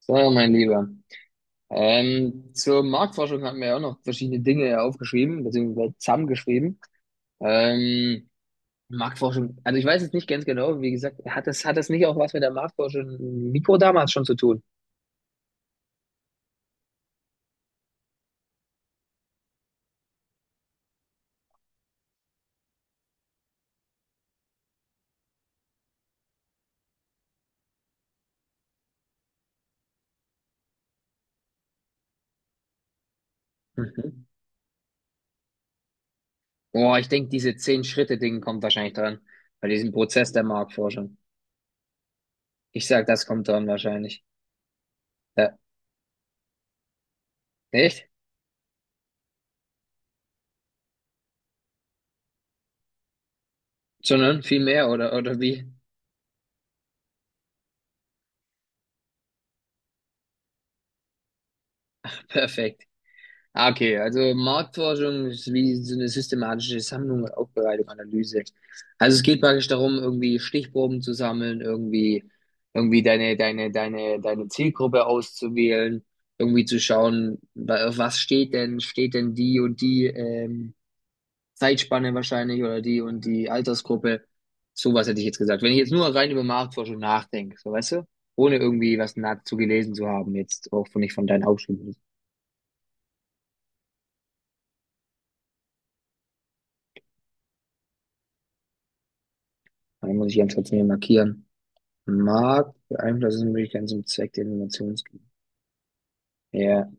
So, mein Lieber. Zur Marktforschung hatten wir ja auch noch verschiedene Dinge aufgeschrieben, beziehungsweise zusammengeschrieben. Ähm, Marktforschung, also ich weiß jetzt nicht ganz genau, wie gesagt, hat das nicht auch was mit der Marktforschung Mikro damals schon zu tun? Mhm. Boah, ich denke, diese Zehn-Schritte-Ding kommt wahrscheinlich dran, bei diesem Prozess der Marktforschung. Ich sag, das kommt dran wahrscheinlich. Ja, echt? Sondern viel mehr, oder wie? Perfekt. Ah, okay, also Marktforschung ist wie so eine systematische Sammlung und Aufbereitung, Analyse. Also es geht praktisch darum, irgendwie Stichproben zu sammeln, irgendwie deine Zielgruppe auszuwählen, irgendwie zu schauen, auf was steht denn die und die Zeitspanne wahrscheinlich oder die und die Altersgruppe. Sowas hätte ich jetzt gesagt. Wenn ich jetzt nur rein über Marktforschung nachdenke, so weißt du, ohne irgendwie was dazu gelesen zu haben, jetzt auch nicht von deinen Aufschriften. Dann muss ich ganz kurz mir markieren. Markt beeinflussen sind ganz zum Zweck der Innovationsgier. Ja,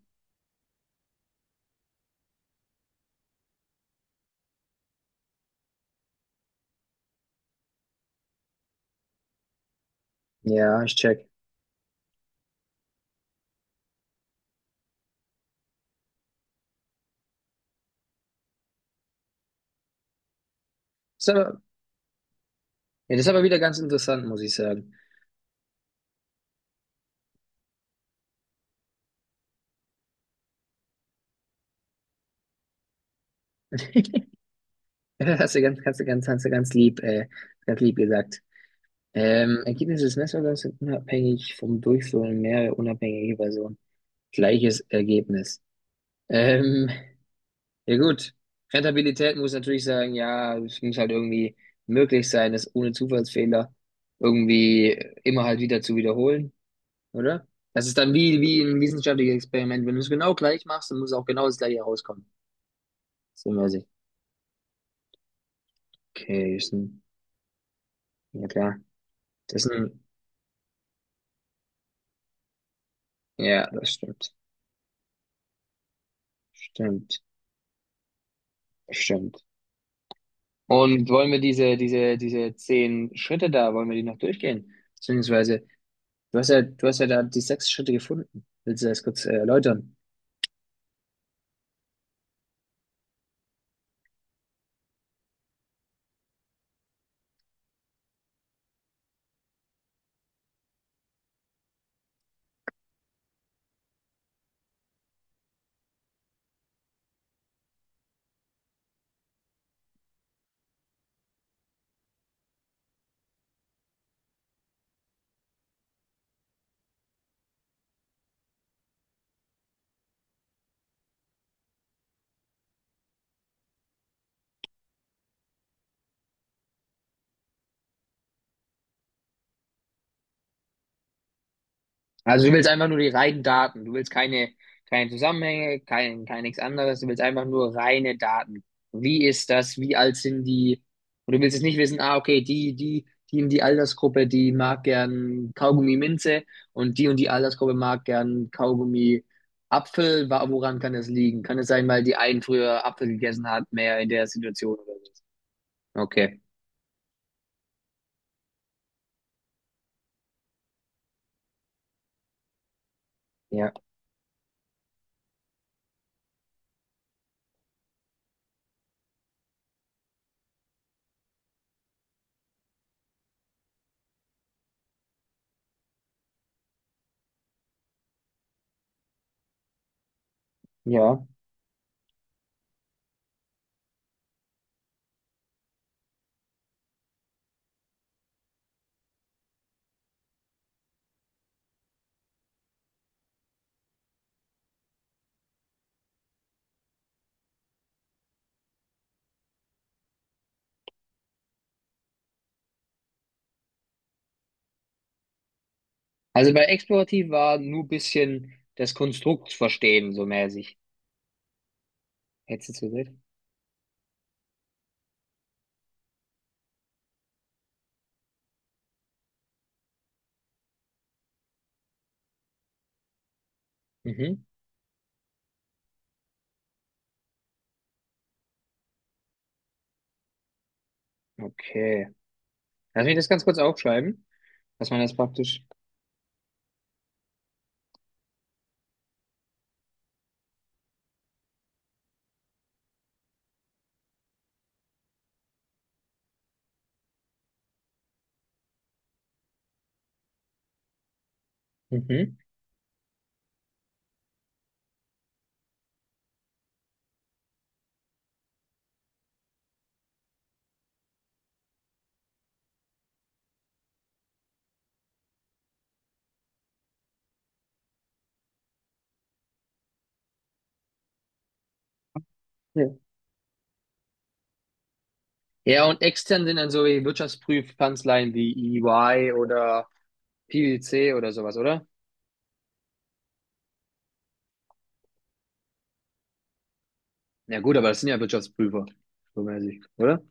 ja, ich check. Ist aber, ja, das ist aber wieder ganz interessant, muss ich sagen. Das Hast du ganz, hast du ganz, hast du ganz lieb gesagt. Ergebnisse des Netzwerks sind unabhängig vom Durchführen mehrerer unabhängiger Personen. Gleiches Ergebnis. Ähm, ja gut. Rentabilität muss natürlich sagen, ja, es muss halt irgendwie möglich sein, das ohne Zufallsfehler irgendwie immer halt wieder zu wiederholen, oder? Das ist dann wie ein wissenschaftliches Experiment. Wenn du es genau gleich machst, dann muss auch genau das gleiche rauskommen. So mäßig. Okay, ist ein, ja klar. Das ist ein, ja, das stimmt. Stimmt. Stimmt. Und wollen wir diese zehn Schritte da, wollen wir die noch durchgehen? Beziehungsweise, du hast ja da die sechs Schritte gefunden. Willst du das kurz erläutern? Also du willst einfach nur die reinen Daten. Du willst keine, keine Zusammenhänge, kein nichts anderes. Du willst einfach nur reine Daten. Wie ist das? Wie alt sind die? Und du willst jetzt nicht wissen, ah, okay, die in die Altersgruppe, die mag gern Kaugummi Minze und die Altersgruppe mag gern Kaugummi Apfel. Woran kann das liegen? Kann es sein, weil die einen früher Apfel gegessen hat, mehr in der Situation oder so? Okay. Ja. Ja. Also bei explorativ war nur ein bisschen das Konstrukt verstehen, so mäßig. Hetze zu Welt. Mhm. Okay. Lass mich das ganz kurz aufschreiben, dass man das praktisch. Mhm. Ja. Ja, und extern sind dann so wie Wirtschaftsprüfkanzleien wie EY oder PwC oder sowas, oder? Ja gut, aber das sind ja Wirtschaftsprüfer, so weiß ich, oder?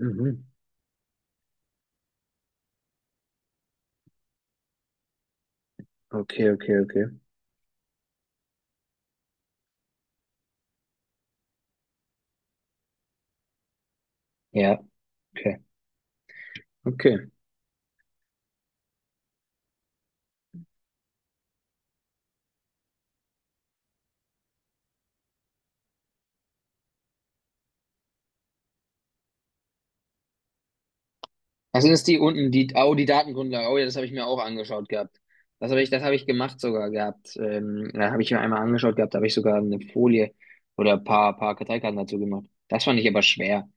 Mhm. Okay, okay, okay. Ja, okay, okay. Was? Das ist die unten, die, oh, die Datengrundlage. Oh ja, das habe ich mir auch angeschaut gehabt. Das habe ich gemacht sogar gehabt. Da habe ich mir einmal angeschaut gehabt, da habe ich sogar eine Folie oder ein paar, paar Karteikarten dazu gemacht. Das fand ich aber schwer.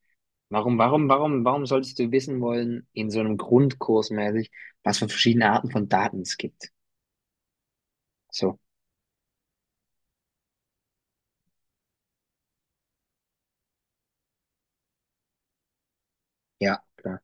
Warum solltest du wissen wollen, in so einem Grundkurs mäßig, was für verschiedene Arten von Daten es gibt? So, ja, klar.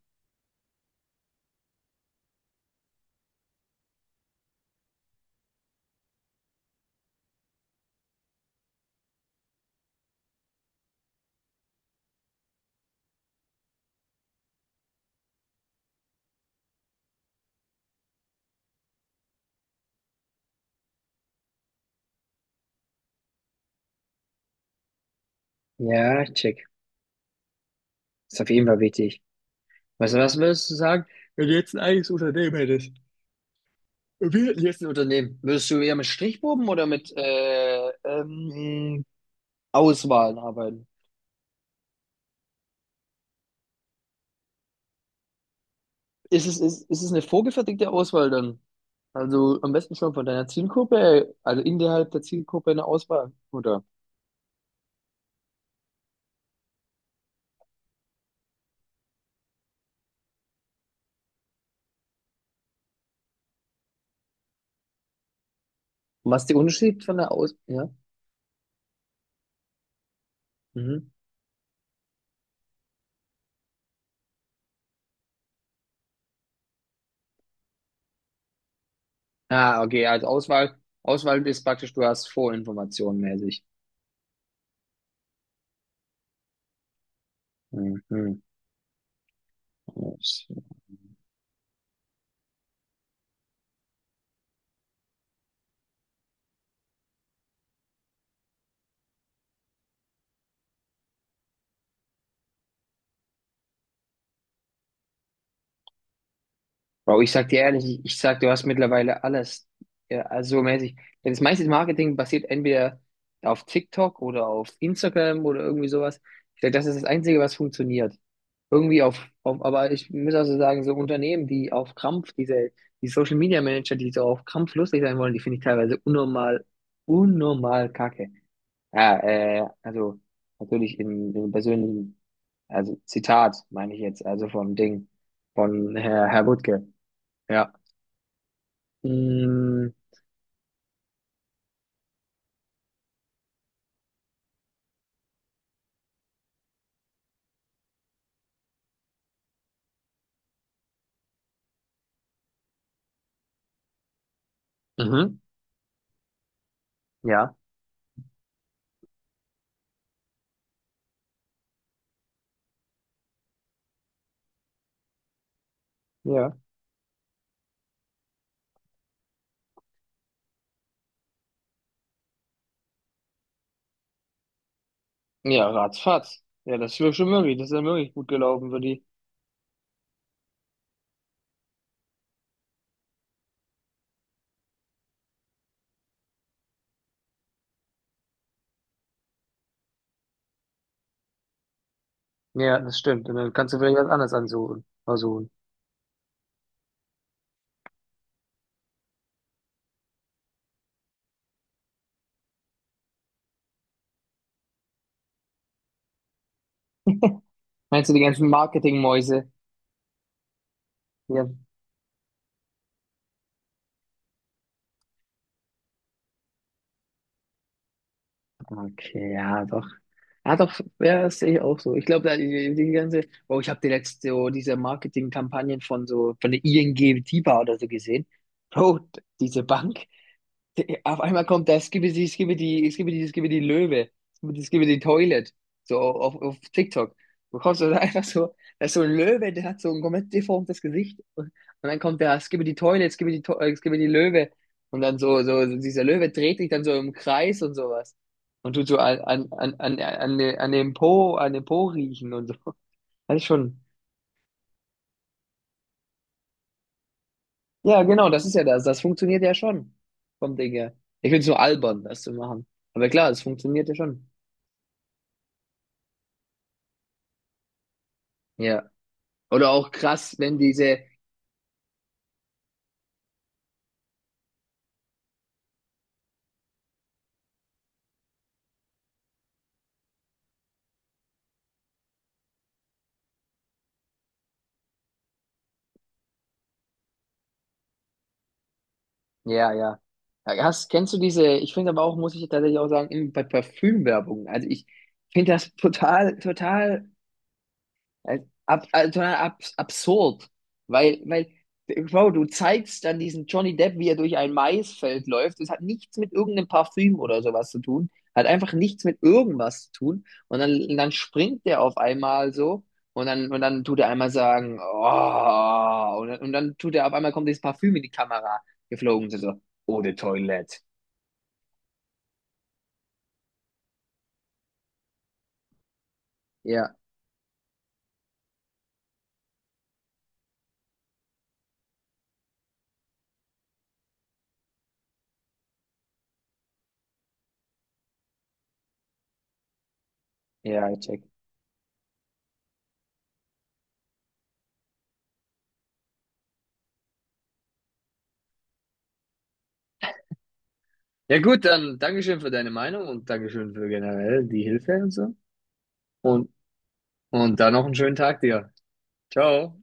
Ja, check. Ist auf jeden Fall wichtig. Weißt du, was würdest du sagen, wenn du jetzt ein eigenes Unternehmen hättest? Wie lässt ein Unternehmen? Würdest du eher mit Strichproben oder mit Auswahlen arbeiten? Ist es eine vorgefertigte Auswahl dann? Also am besten schon von deiner Zielgruppe, also innerhalb der Zielgruppe eine Auswahl, oder? Was ist der Unterschied von der Aus? Ja. Mhm. Ah, okay, also Auswahl ist praktisch, du hast Vorinformationen mäßig. Mhm. Wow, ich sag dir ehrlich, ich sag, du hast mittlerweile alles, ja, also mäßig. Ja, das meiste Marketing basiert entweder auf TikTok oder auf Instagram oder irgendwie sowas. Ich sag, das ist das Einzige, was funktioniert. Irgendwie auf aber ich muss also sagen, so Unternehmen, die auf Krampf, diese, die Social Media Manager, die so auf Krampf lustig sein wollen, die finde ich teilweise unnormal, unnormal kacke. Ja, also natürlich im, im persönlichen, also Zitat meine ich jetzt, also vom Ding, von Herr Wuttke. Ja. Mhm. Mhm. Ja. Ja. Ja, ratzfatz. Ja, das ist ja schon möglich. Das ist ja wirklich gut gelaufen für die. Ja, das stimmt. Und dann kannst du vielleicht was anderes ansuchen. Versuchen. Meinst du die ganzen Marketingmäuse? Ja. Okay, ja, doch. Ja, doch, ja, das sehe ich auch so. Ich glaube, da die ganze, oh, ich habe die letzte, so diese Marketingkampagnen von so, von der ING Tiba oder so gesehen. Bro, diese Bank, die- Auf einmal kommt das, gib es die, es gib die Löwe, es gib die Toilet, so auf TikTok. Du kommst also einfach so, da ist so ein Löwe, der hat so ein komplett deformtes Gesicht und dann kommt der, es gib die Toilet, es gib die Löwe und dann so dieser Löwe dreht sich dann so im Kreis und sowas und tut so an dem Po riechen und so. Das ist schon, ja genau, das ist ja das, das funktioniert ja schon vom Ding her. Ich finde es nur albern, das zu machen, aber klar, es funktioniert ja schon. Ja. Oder auch krass, wenn diese, ja, ja. Ja, hast, kennst du diese, ich finde aber auch, muss ich tatsächlich auch sagen, bei Parfümwerbung. Also ich finde das total Äh, Ab, total abs absurd. Weil, weil, wow, du zeigst dann diesen Johnny Depp, wie er durch ein Maisfeld läuft. Das hat nichts mit irgendeinem Parfüm oder sowas zu tun. Hat einfach nichts mit irgendwas zu tun. Und dann springt der auf einmal so. Und dann tut er einmal sagen, oh, und dann tut er auf einmal kommt dieses Parfüm in die Kamera geflogen. So, so, oh, the toilet. Ja, ja, ich check. Ja gut, dann Dankeschön für deine Meinung und Dankeschön für generell die Hilfe und so. Und Und dann noch einen schönen Tag dir. Ciao.